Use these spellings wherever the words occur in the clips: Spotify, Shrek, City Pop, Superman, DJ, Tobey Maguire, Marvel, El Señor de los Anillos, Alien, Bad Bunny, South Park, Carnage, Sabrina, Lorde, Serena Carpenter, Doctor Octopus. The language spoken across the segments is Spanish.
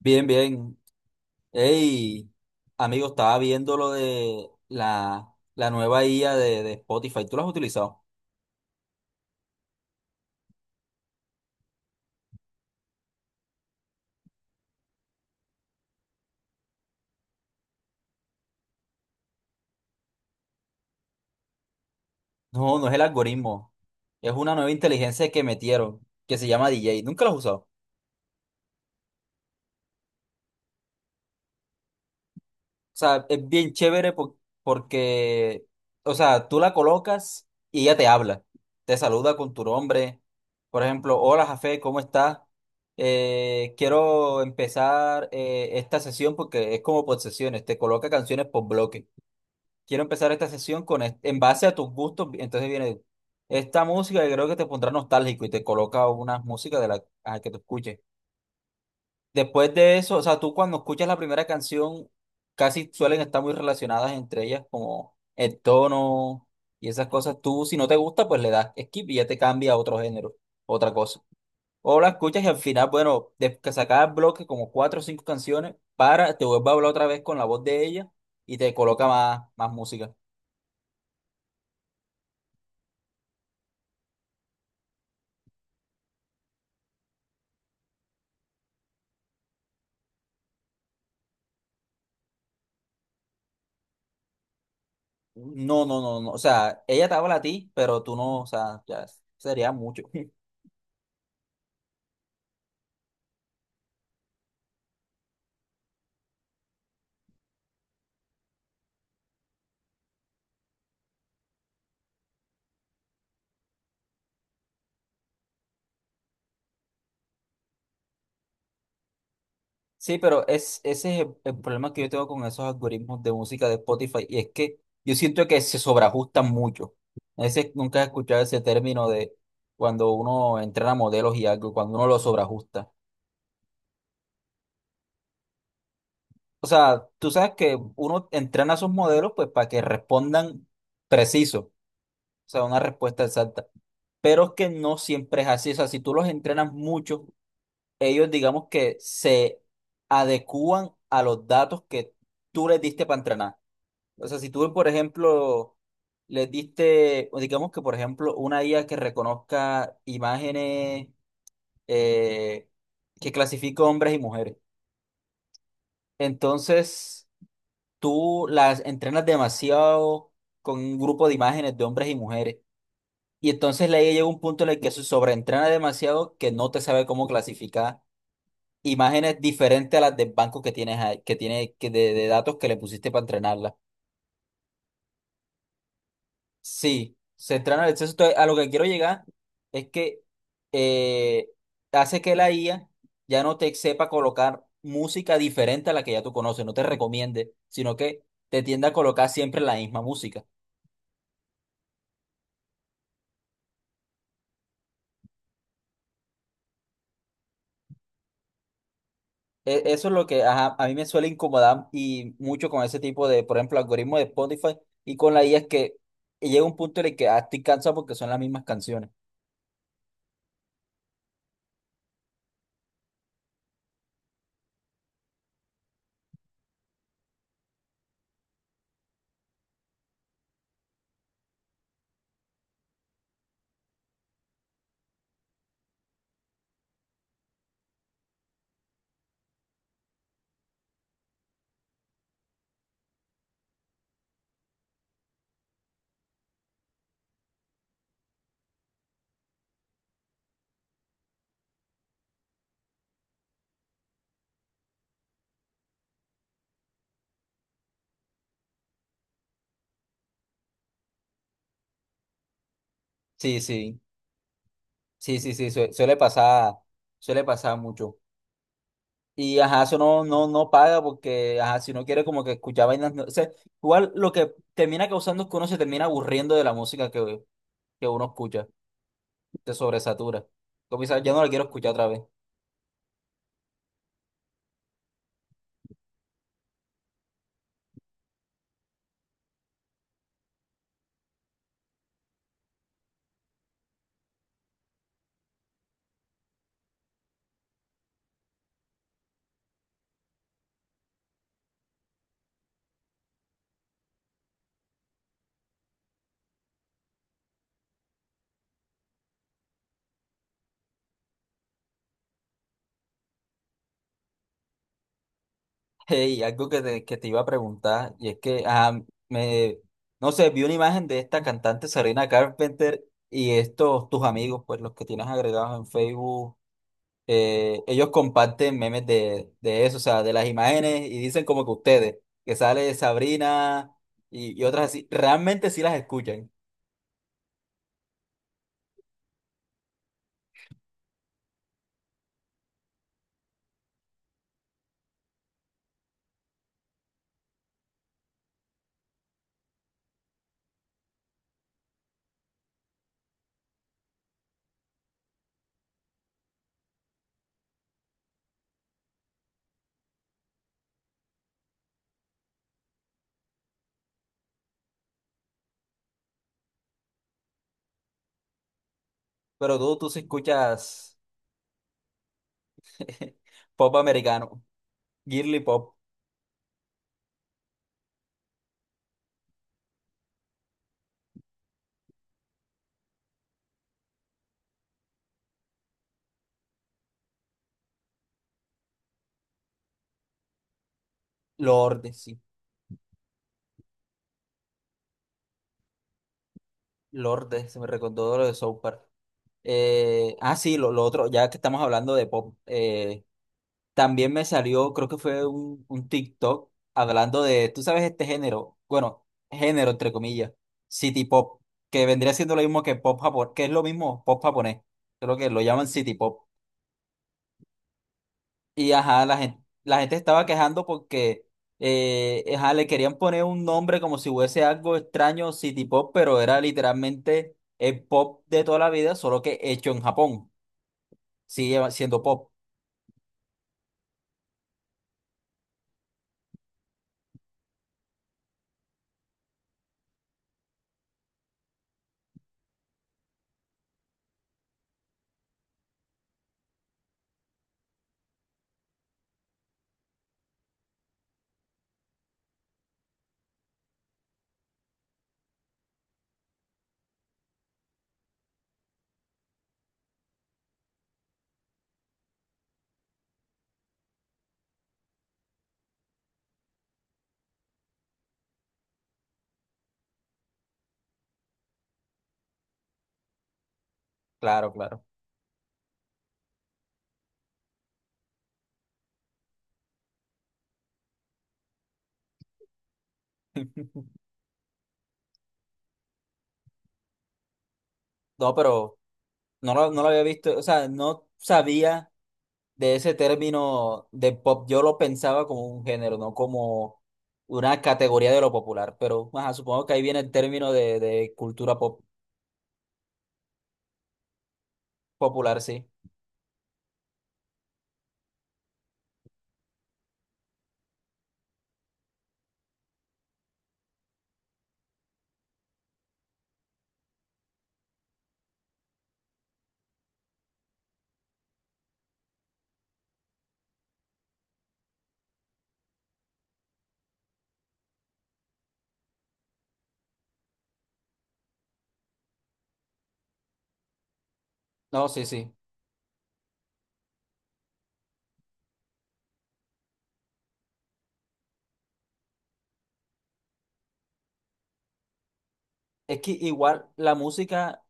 Bien, bien. Hey, amigo, estaba viendo lo de la nueva IA de Spotify. ¿Tú la has utilizado? No, no es el algoritmo. Es una nueva inteligencia que metieron, que se llama DJ. ¿Nunca la has usado? O sea, es bien porque, o sea, tú la colocas y ella te habla. Te saluda con tu nombre. Por ejemplo, hola, Jafé, ¿cómo estás? Quiero empezar esta sesión porque es como por sesiones. Te coloca canciones por bloque. Quiero empezar esta sesión en base a tus gustos, entonces viene esta música que creo que te pondrá nostálgico y te coloca una música de la a que tú escuches. Después de eso, o sea, tú cuando escuchas la primera canción, casi suelen estar muy relacionadas entre ellas, como el tono y esas cosas. Tú, si no te gusta, pues le das skip y ya te cambia a otro género, otra cosa. O la escuchas y al final, bueno, de que sacas bloque como cuatro o cinco canciones, para, te vuelve a hablar otra vez con la voz de ella y te coloca más, más música. No, no, no, no. O sea, ella te habla a ti, pero tú no, o sea, ya sería mucho. Sí, pero es, ese es el problema que yo tengo con esos algoritmos de música de Spotify. Y es que yo siento que se sobreajustan mucho. A veces nunca he escuchado ese término de cuando uno entrena modelos y algo, cuando uno los sobreajusta. O sea, tú sabes que uno entrena a sus modelos pues para que respondan preciso, o sea, una respuesta exacta. Pero es que no siempre es así. O sea, si tú los entrenas mucho ellos digamos que se adecúan a los datos que tú les diste para entrenar. O sea, si tú, por ejemplo, les diste, o digamos que, por ejemplo, una IA que reconozca imágenes, eh, que clasifica hombres y mujeres, entonces tú las entrenas demasiado con un grupo de imágenes de hombres y mujeres. Y entonces la IA llega a un punto en el que se sobreentrena demasiado que no te sabe cómo clasificar imágenes diferentes a las del banco que que tiene que de datos que le pusiste para entrenarla. Sí, se entrena el exceso. Entonces, a lo que quiero llegar es que eh, hace que la IA ya no te sepa colocar música diferente a la que ya tú conoces, no te recomiende, sino que te tiende a colocar siempre la misma música. Eso es lo que ajá, a mí me suele incomodar y mucho con ese tipo de, por ejemplo, algoritmo de Spotify y con la IA es que llega un punto en el que ah, estoy cansado porque son las mismas canciones. Sí, sí. Sí, sí, sí, suele pasar mucho. Y ajá, eso no paga porque, ajá, si no quiere como que escuchar vainas, o sea, igual lo que termina causando es que uno se termina aburriendo de la música que uno escucha, te sobresatura. Como dices, ya no la quiero escuchar otra vez. Y algo que que te iba a preguntar, y es que, me, no sé, vi una imagen de esta cantante Serena Carpenter y estos, tus amigos, pues los que tienes agregados en Facebook, ellos comparten memes de eso, o sea, de las imágenes y dicen como que ustedes, que sale Sabrina y otras así, realmente sí las escuchan, pero tú sí escuchas pop americano, girly pop, Lorde, sí, Lorde, se me recordó lo de South Park. Sí, lo otro, ya que estamos hablando de pop, también me salió, creo que fue un TikTok hablando de, tú sabes, este género, bueno, género entre comillas, City Pop, que vendría siendo lo mismo que pop japonés, que es lo mismo pop japonés, creo que lo llaman City Pop. Y ajá, la gente estaba quejando porque ajá, le querían poner un nombre como si fuese algo extraño, City Pop, pero era literalmente el pop de toda la vida, solo que hecho en Japón. Sigue siendo pop, claro, claro. No, pero no lo había visto, o sea, no sabía de ese término de pop. Yo lo pensaba como un género, no como una categoría de lo popular, pero ajá, supongo que ahí viene el término de cultura popular, sí. No, sí, sí. Es que igual la música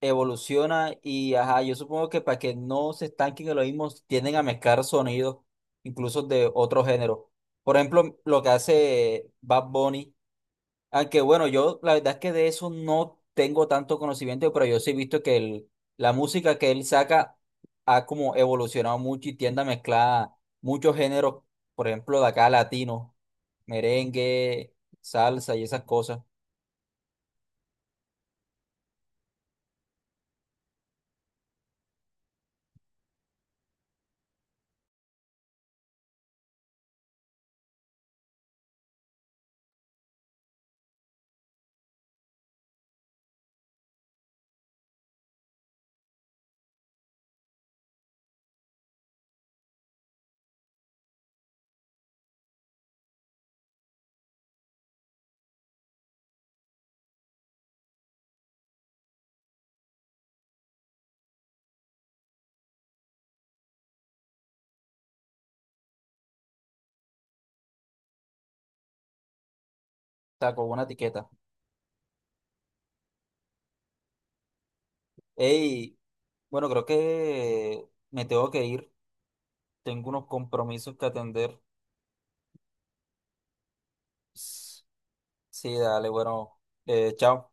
evoluciona y ajá, yo supongo que para que no se estanquen en lo mismo, tienden a mezclar sonidos, incluso de otro género. Por ejemplo, lo que hace Bad Bunny. Aunque bueno, yo la verdad es que de eso no tengo tanto conocimiento, pero yo sí he visto que la música que él saca ha como evolucionado mucho y tiende a mezclar muchos géneros, por ejemplo, de acá latino, merengue, salsa y esas cosas. Está con una etiqueta. Ey, bueno, creo que me tengo que ir. Tengo unos compromisos que atender. Sí, dale, bueno, chao.